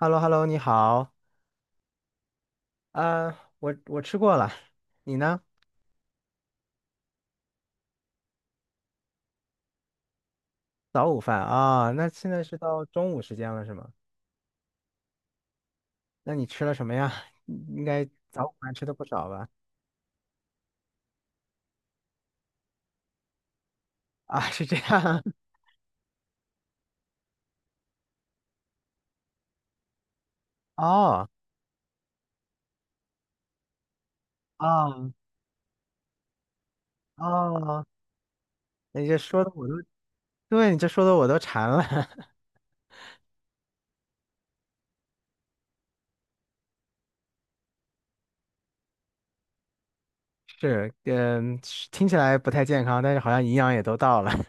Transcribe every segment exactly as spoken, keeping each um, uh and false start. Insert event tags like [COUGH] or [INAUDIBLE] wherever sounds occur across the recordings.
h e l l o h e l l o 你好。啊，我我吃过了，你呢？早午饭啊，那现在是到中午时间了是吗？那你吃了什么呀？应该早午饭吃的不少吧？啊，是这样。[LAUGHS] 哦，哦，哦，你这说的我都，对，你这说的我都馋了。[LAUGHS] 是，嗯，是听起来不太健康，但是好像营养也都到了。[LAUGHS]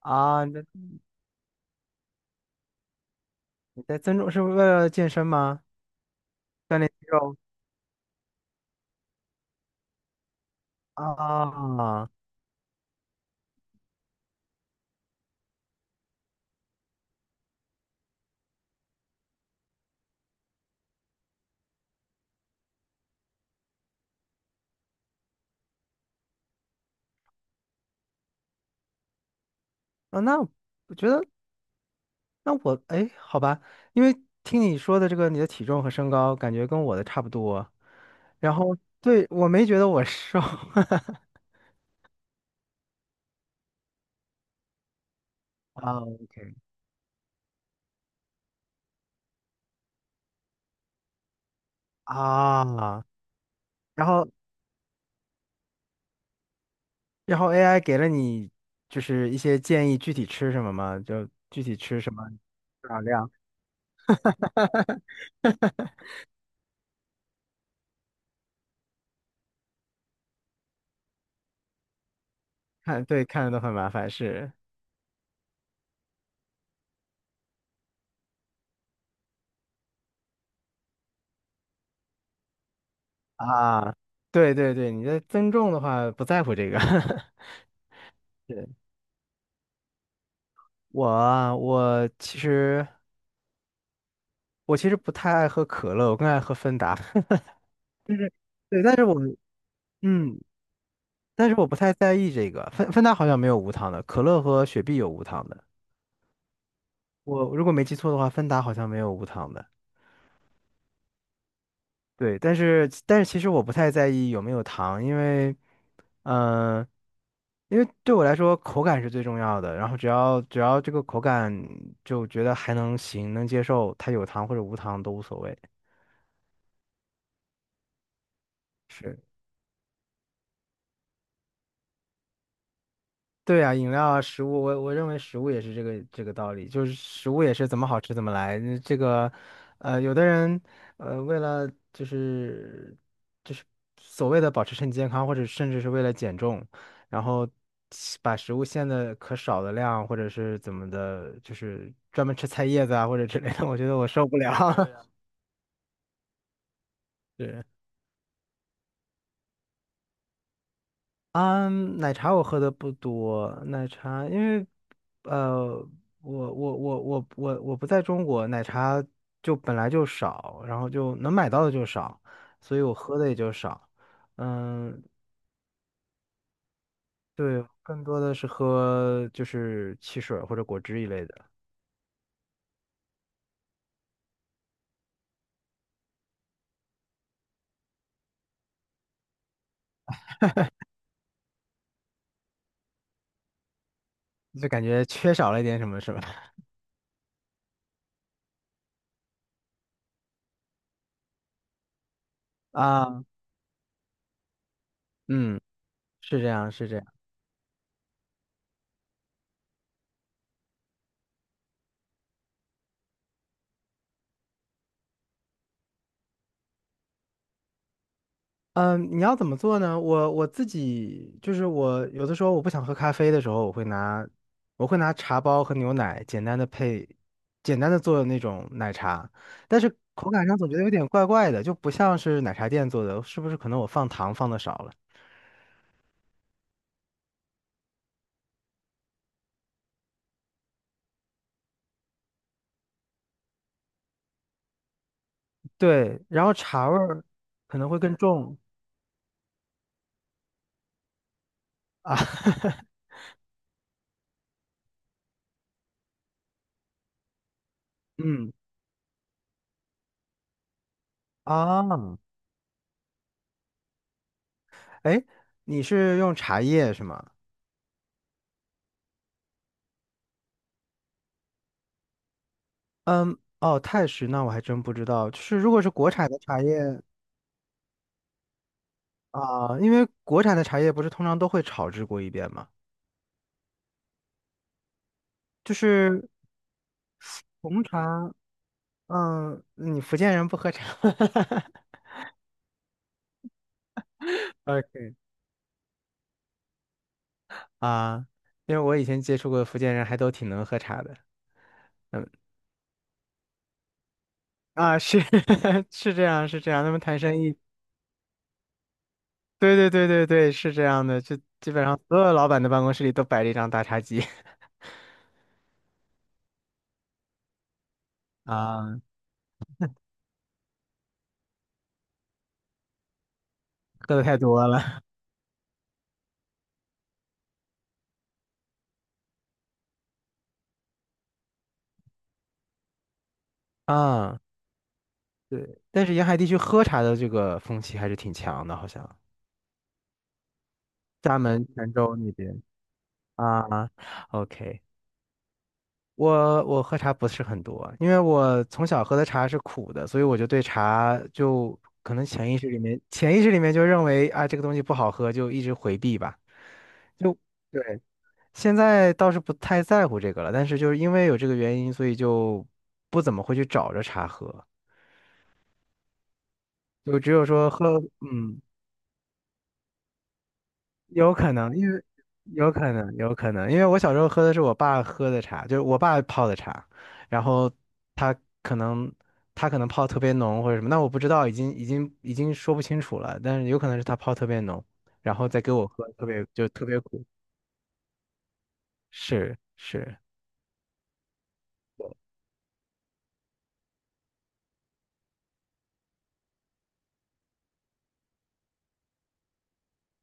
啊，那你在增重是为了健身吗？锻炼肌肉啊，啊，那我觉得。那我哎，好吧，因为听你说的这个你的体重和身高，感觉跟我的差不多。然后对，我没觉得我瘦 [LAUGHS] 啊，OK 啊。然后然后 A I 给了你就是一些建议，具体吃什么吗？就具体吃什么多少量？[LAUGHS] 看对，看着都很麻烦，是 [LAUGHS] 啊，对对对，你的增重的话不在乎这个。[LAUGHS] 对。我啊我其实。我其实不太爱喝可乐，我更爱喝芬达。[LAUGHS] 就是，对，但是我嗯，但是我不太在意这个。芬芬达好像没有无糖的，可乐和雪碧有无糖的。我如果没记错的话，芬达好像没有无糖的。对，但是但是其实我不太在意有没有糖，因为嗯、呃因为对我来说口感是最重要的。然后只要只要这个口感就觉得还能行，能接受，它有糖或者无糖都无所谓。是。对啊，饮料啊，食物，我我认为食物也是这个这个道理，就是食物也是怎么好吃怎么来。嗯这个，呃，有的人，呃，为了就是就是所谓的保持身体健康，或者甚至是为了减重，然后吃把食物限的可少的量，或者是怎么的，就是专门吃菜叶子啊或者之类的，我觉得我受不了。[LAUGHS] 对啊嗯，奶茶我喝的不多，奶茶因为，呃，我我我我我我不在中国，奶茶就本来就少，然后就能买到的就少，所以我喝的也就少。嗯，对，更多的是喝就是汽水儿或者果汁一类的，就感觉缺少了一点什么什么。[LAUGHS] 啊，嗯，是这样，是这样。嗯，你要怎么做呢？我我自己就是我有的时候我不想喝咖啡的时候，我会拿我会拿茶包和牛奶简单的配，简单的做那种奶茶，但是口感上总觉得有点怪怪的，就不像是奶茶店做的，是不是可能我放糖放的少了？对，然后茶味儿可能会更重啊，[LAUGHS] 嗯啊，哎，你是用茶叶是吗？嗯，哦，泰式那我还真不知道，就是如果是国产的茶叶。啊，因为国产的茶叶不是通常都会炒制过一遍吗？就是红茶，嗯，你福建人不喝茶 [LAUGHS]，OK 啊，因为我以前接触过福建人，还都挺能喝茶的啊，是 [LAUGHS] 是这样是这样，他们谈生意，对对对对对，是这样的，就基本上所有老板的办公室里都摆着一张大茶几 [LAUGHS] 啊，喝的太多了啊，对，但是沿海地区喝茶的这个风气还是挺强的，好像厦门、泉州那边。啊，OK,我我喝茶不是很多，因为我从小喝的茶是苦的，所以我就对茶就可能潜意识里面潜意识里面就认为啊这个东西不好喝，就一直回避吧。就对，现在倒是不太在乎这个了，但是就是因为有这个原因，所以就不怎么会去找着茶喝，就只有说喝，嗯，有可能，因为有可能，有可能，因为我小时候喝的是我爸喝的茶，就是我爸泡的茶，然后他可能他可能泡特别浓或者什么，那我不知道，已经已经已经说不清楚了，但是有可能是他泡特别浓，然后再给我喝，特别就特别苦。是是，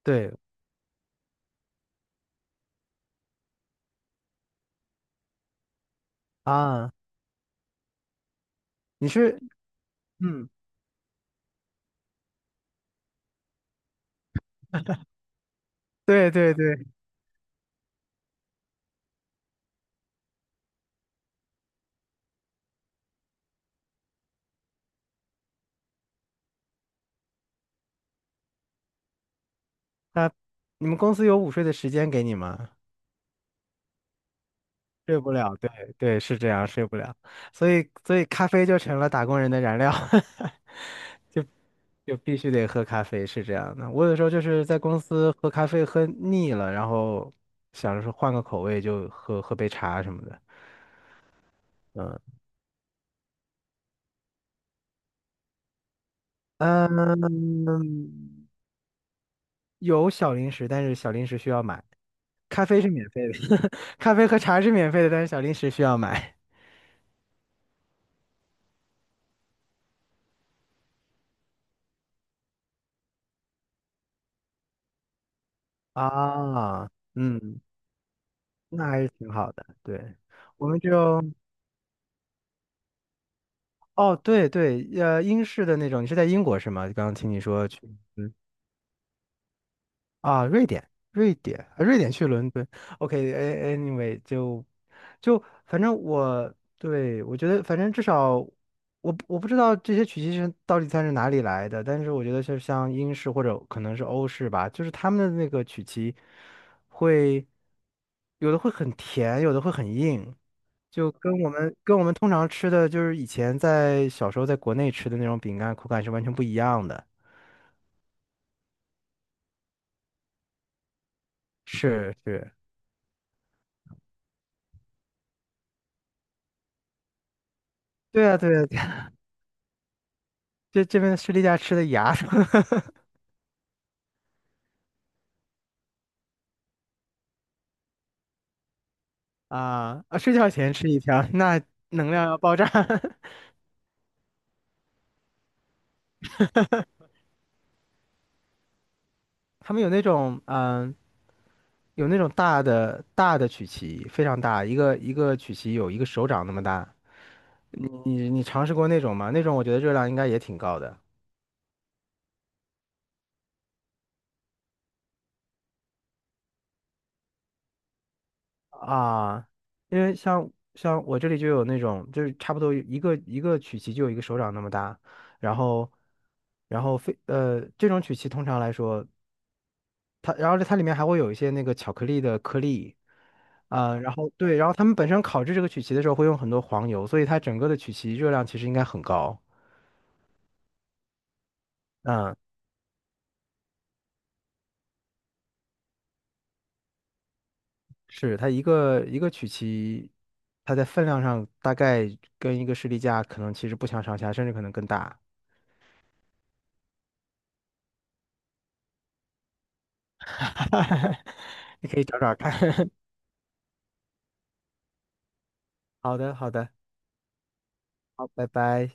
对啊，你是嗯，对对对，那你们公司有午睡的时间给你吗？睡不了，对对，是这样，睡不了，所以所以咖啡就成了打工人的燃料。[LAUGHS] 就必须得喝咖啡，是这样的。我有时候就是在公司喝咖啡喝腻了，然后想着说换个口味，就喝喝杯茶什么的。嗯，嗯，有小零食，但是小零食需要买。咖啡是免费的，[LAUGHS] 咖啡和茶是免费的，但是小零食需要买。啊，嗯，那还是挺好的。对，我们就，哦，对对，呃，英式的那种，你是在英国是吗？刚刚听你说去。嗯。啊，瑞典，瑞典，啊瑞典去伦敦OK，anyway，就就反正我对我觉得，反正至少我不我不知道这些曲奇是到底算是哪里来的，但是我觉得就是像英式或者可能是欧式吧，就是他们的那个曲奇会有的会很甜，有的会很硬，就跟我们跟我们通常吃的就是以前在小时候在国内吃的那种饼干口感是完全不一样的。是是，对啊对啊这这边士力架吃的牙 [LAUGHS] 啊啊！睡觉前吃一条，那能量要爆炸。[LAUGHS] 他们有那种嗯，有那种大的大的曲奇，非常大，一个一个曲奇有一个手掌那么大。你你你尝试过那种吗？那种我觉得热量应该也挺高的啊，因为像像我这里就有那种，就是差不多一个一个曲奇就有一个手掌那么大，然后然后非呃这种曲奇通常来说。它，然后它里面还会有一些那个巧克力的颗粒，啊、啊然后对，然后他们本身烤制这个曲奇的时候会用很多黄油，所以它整个的曲奇热量其实应该很高。嗯，是它一个一个曲奇，它在分量上大概跟一个士力架可能其实不相上下，甚至可能更大。[LAUGHS] 你可以找找看。[LAUGHS] 好的，好的，好，拜拜。